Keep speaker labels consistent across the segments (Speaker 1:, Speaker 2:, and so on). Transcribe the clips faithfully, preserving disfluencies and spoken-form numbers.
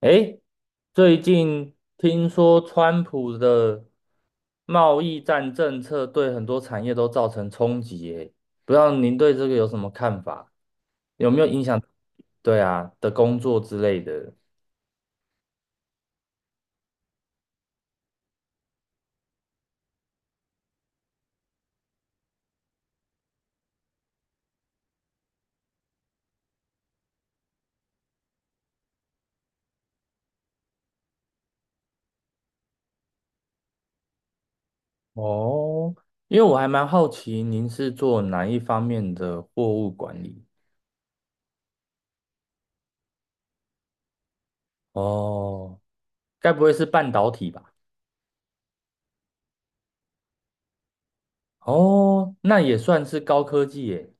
Speaker 1: 诶，最近听说川普的贸易战政策对很多产业都造成冲击耶，不知道您对这个有什么看法？有没有影响？对啊，的工作之类的。哦，因为我还蛮好奇您是做哪一方面的货物管理？哦，该不会是半导体吧？哦，那也算是高科技耶。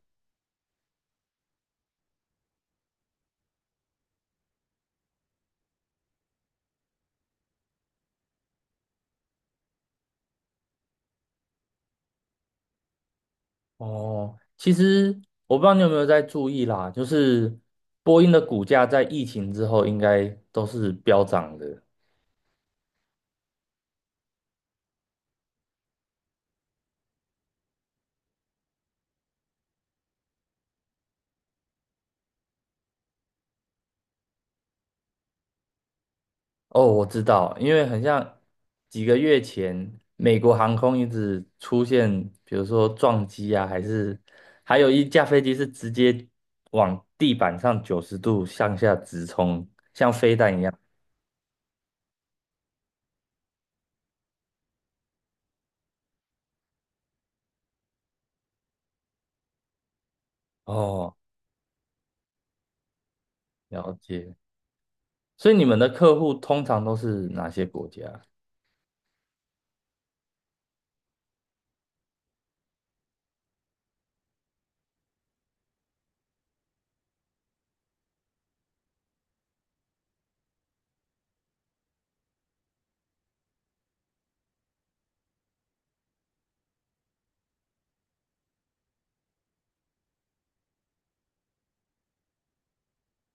Speaker 1: 哦，其实我不知道你有没有在注意啦，就是波音的股价在疫情之后应该都是飙涨的。哦，我知道，因为很像几个月前，美国航空一直出现，比如说撞击啊，还是还有一架飞机是直接往地板上九十度向下直冲，像飞弹一样。哦，了解。所以你们的客户通常都是哪些国家？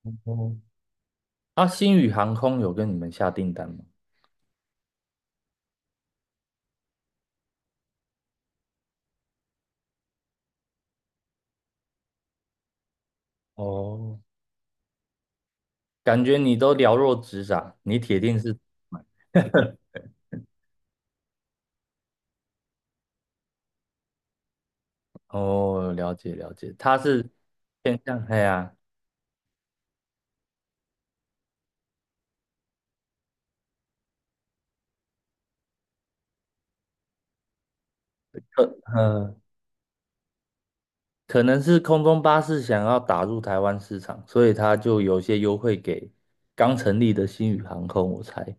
Speaker 1: 哦啊，星宇航空有跟你们下订单吗？哦，感觉你都了若指掌，你铁定是哦，了解了解，他是偏向哎呀，可嗯，可能是空中巴士想要打入台湾市场，所以他就有些优惠给刚成立的星宇航空，我猜。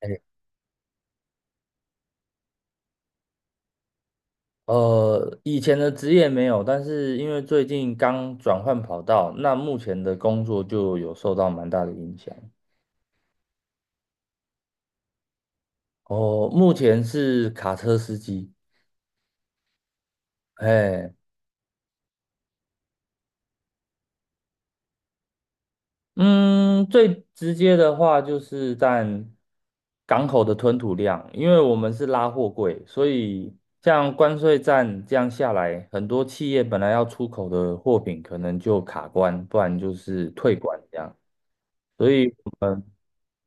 Speaker 1: 哎，呃，以前的职业没有，但是因为最近刚转换跑道，那目前的工作就有受到蛮大的影响。哦，目前是卡车司机。哎，嗯，最直接的话就是占港口的吞吐量，因为我们是拉货柜，所以像关税战这样下来，很多企业本来要出口的货品可能就卡关，不然就是退关这样。所以我们，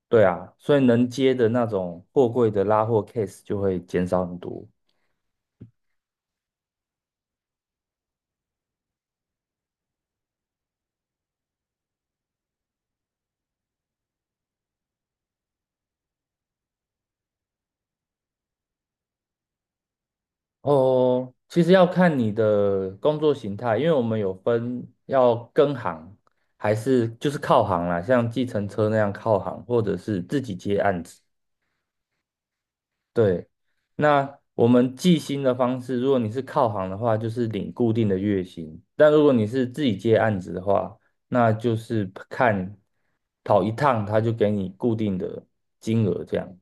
Speaker 1: 对啊，所以能接的那种货柜的拉货 case 就会减少很多。哦，其实要看你的工作形态，因为我们有分要跟行，还是就是靠行啦，像计程车那样靠行，或者是自己接案子。对，那我们计薪的方式，如果你是靠行的话，就是领固定的月薪；但如果你是自己接案子的话，那就是看跑一趟，他就给你固定的金额这样。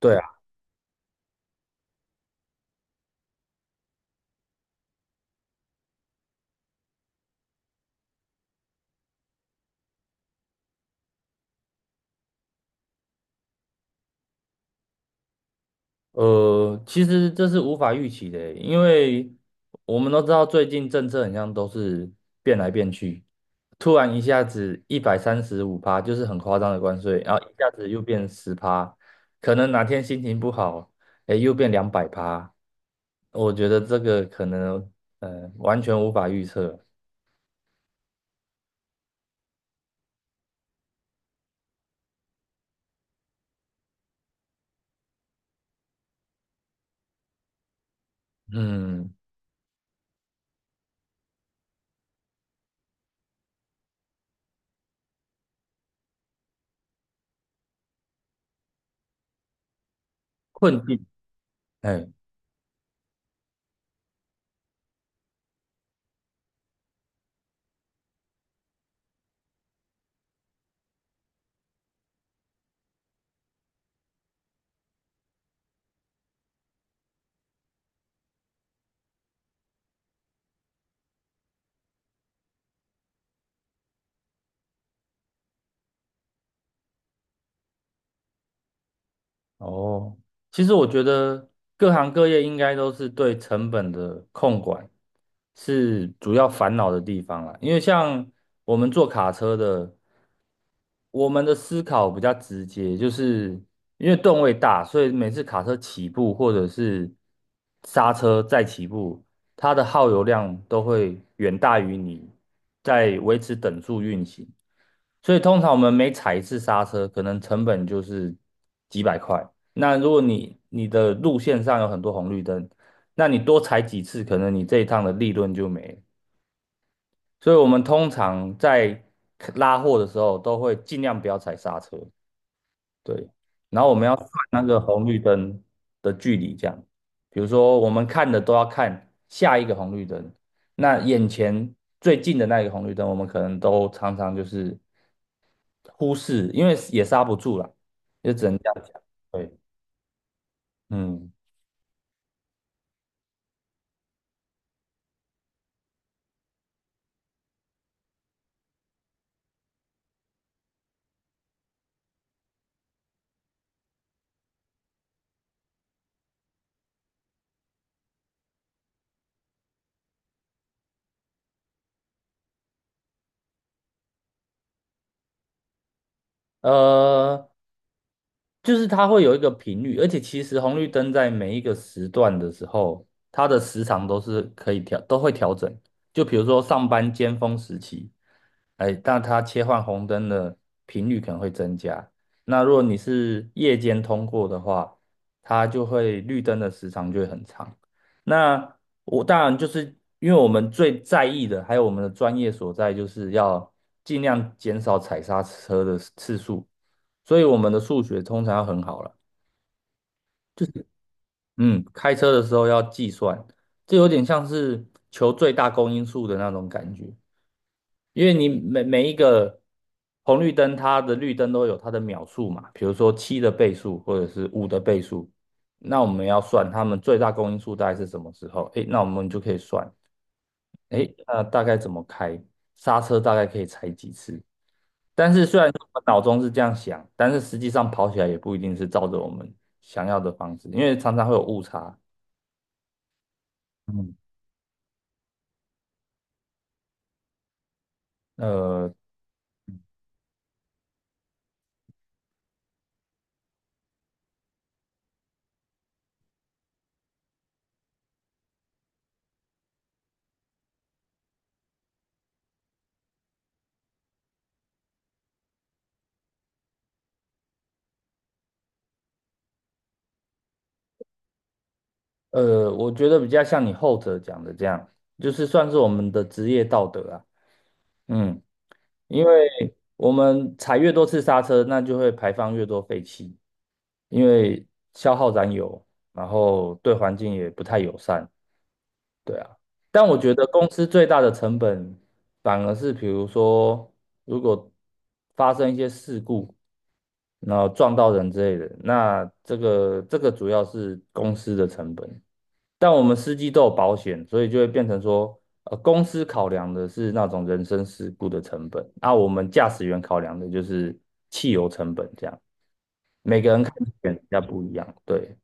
Speaker 1: 对啊。呃，其实这是无法预期的欸，因为我们都知道最近政策很像都是变来变去，突然一下子一百三十五趴，就是很夸张的关税，然后一下子又变十趴，可能哪天心情不好，哎，又变两百趴，我觉得这个可能呃完全无法预测，嗯，困境，哎。哦，其实我觉得各行各业应该都是对成本的控管是主要烦恼的地方啦。因为像我们做卡车的，我们的思考比较直接，就是因为吨位大，所以每次卡车起步或者是刹车再起步，它的耗油量都会远大于你在维持等速运行。所以通常我们每踩一次刹车，可能成本就是几百块。那如果你你的路线上有很多红绿灯，那你多踩几次，可能你这一趟的利润就没了。所以我们通常在拉货的时候，都会尽量不要踩刹车。对，然后我们要算那个红绿灯的距离，这样，比如说我们看的都要看下一个红绿灯，那眼前最近的那一个红绿灯，我们可能都常常就是忽视，因为也刹不住啦，就只能这样讲。对，嗯，呃，就是它会有一个频率，而且其实红绿灯在每一个时段的时候，它的时长都是可以调，都会调整。就比如说上班尖峰时期，哎，那它切换红灯的频率可能会增加。那如果你是夜间通过的话，它就会绿灯的时长就会很长。那我当然就是因为我们最在意的，还有我们的专业所在，就是要尽量减少踩刹车的次数。所以我们的数学通常要很好了。嗯，开车的时候要计算，这有点像是求最大公因数的那种感觉，因为你每每一个红绿灯，它的绿灯都有它的秒数嘛，比如说七的倍数或者是五的倍数，那我们要算它们最大公因数大概是什么时候？诶，那我们就可以算，诶，那大概怎么开，刹车大概可以踩几次，但是虽然说我们脑中是这样想，但是实际上跑起来也不一定是照着我们想要的方式，因为常常会有误差。嗯呃呃，我觉得比较像你后者讲的这样，就是算是我们的职业道德啊。嗯，因为我们踩越多次刹车，那就会排放越多废气，因为消耗燃油，然后对环境也不太友善。对啊，但我觉得公司最大的成本反而是，比如说，如果发生一些事故，然后撞到人之类的，那这个这个主要是公司的成本。但我们司机都有保险，所以就会变成说，呃，公司考量的是那种人身事故的成本，那我们驾驶员考量的就是汽油成本，这样每个人看的点比较不一样，对。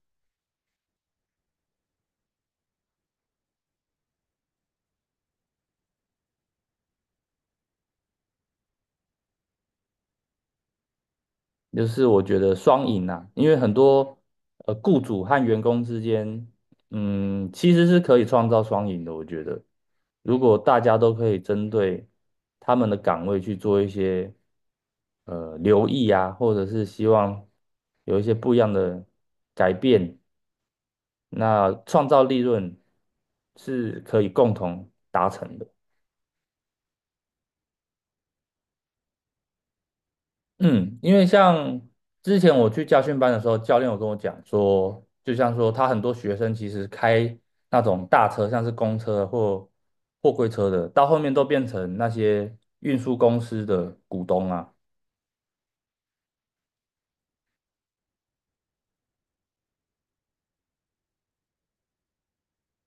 Speaker 1: 就是我觉得双赢啊，因为很多呃雇主和员工之间，嗯，其实是可以创造双赢的。我觉得，如果大家都可以针对他们的岗位去做一些呃留意啊，或者是希望有一些不一样的改变，那创造利润是可以共同达成的。嗯，因为像之前我去家训班的时候，教练有跟我讲说，就像说他很多学生其实开那种大车，像是公车或货柜车的，到后面都变成那些运输公司的股东啊。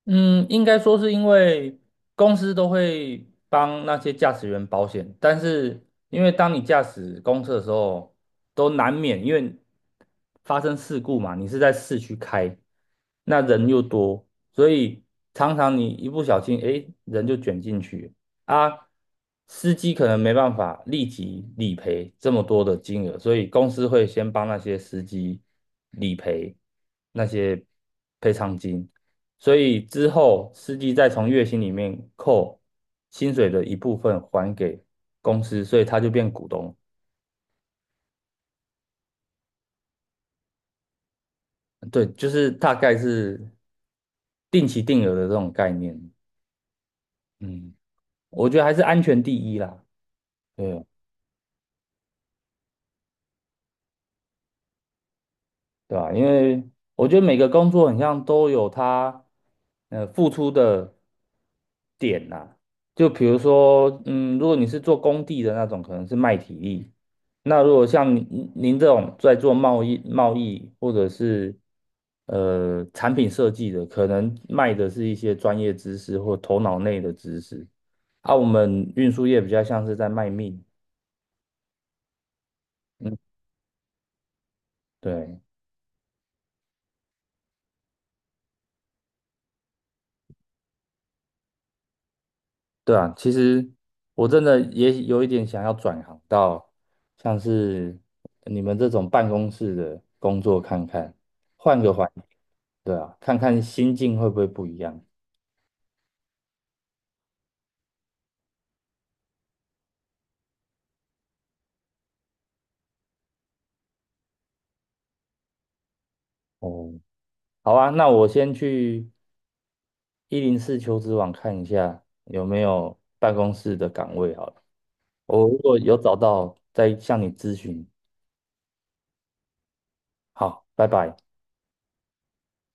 Speaker 1: 嗯，应该说是因为公司都会帮那些驾驶员保险，但是因为当你驾驶公车的时候，都难免因为发生事故嘛，你是在市区开，那人又多，所以常常你一不小心，诶，人就卷进去啊。司机可能没办法立即理赔这么多的金额，所以公司会先帮那些司机理赔那些赔偿金。所以之后司机再从月薪里面扣薪水的一部分还给公司，所以他就变股东。对，就是大概是定期定额的这种概念。嗯，我觉得还是安全第一啦。对啊对吧？因为我觉得每个工作很像都有它呃付出的点呐、就比如说，嗯，如果你是做工地的那种，可能是卖体力；那如果像您您这种在做贸易、贸易或者是呃产品设计的，可能卖的是一些专业知识或头脑内的知识。啊，我们运输业比较像是在卖命，对。对啊，其实我真的也有一点想要转行到像是你们这种办公室的工作看看，换个环境，对啊，看看心境会不会不一样。哦，好啊，那我先去一零四求职网看一下有没有办公室的岗位好了，我如果有找到再向你咨询。好，拜拜。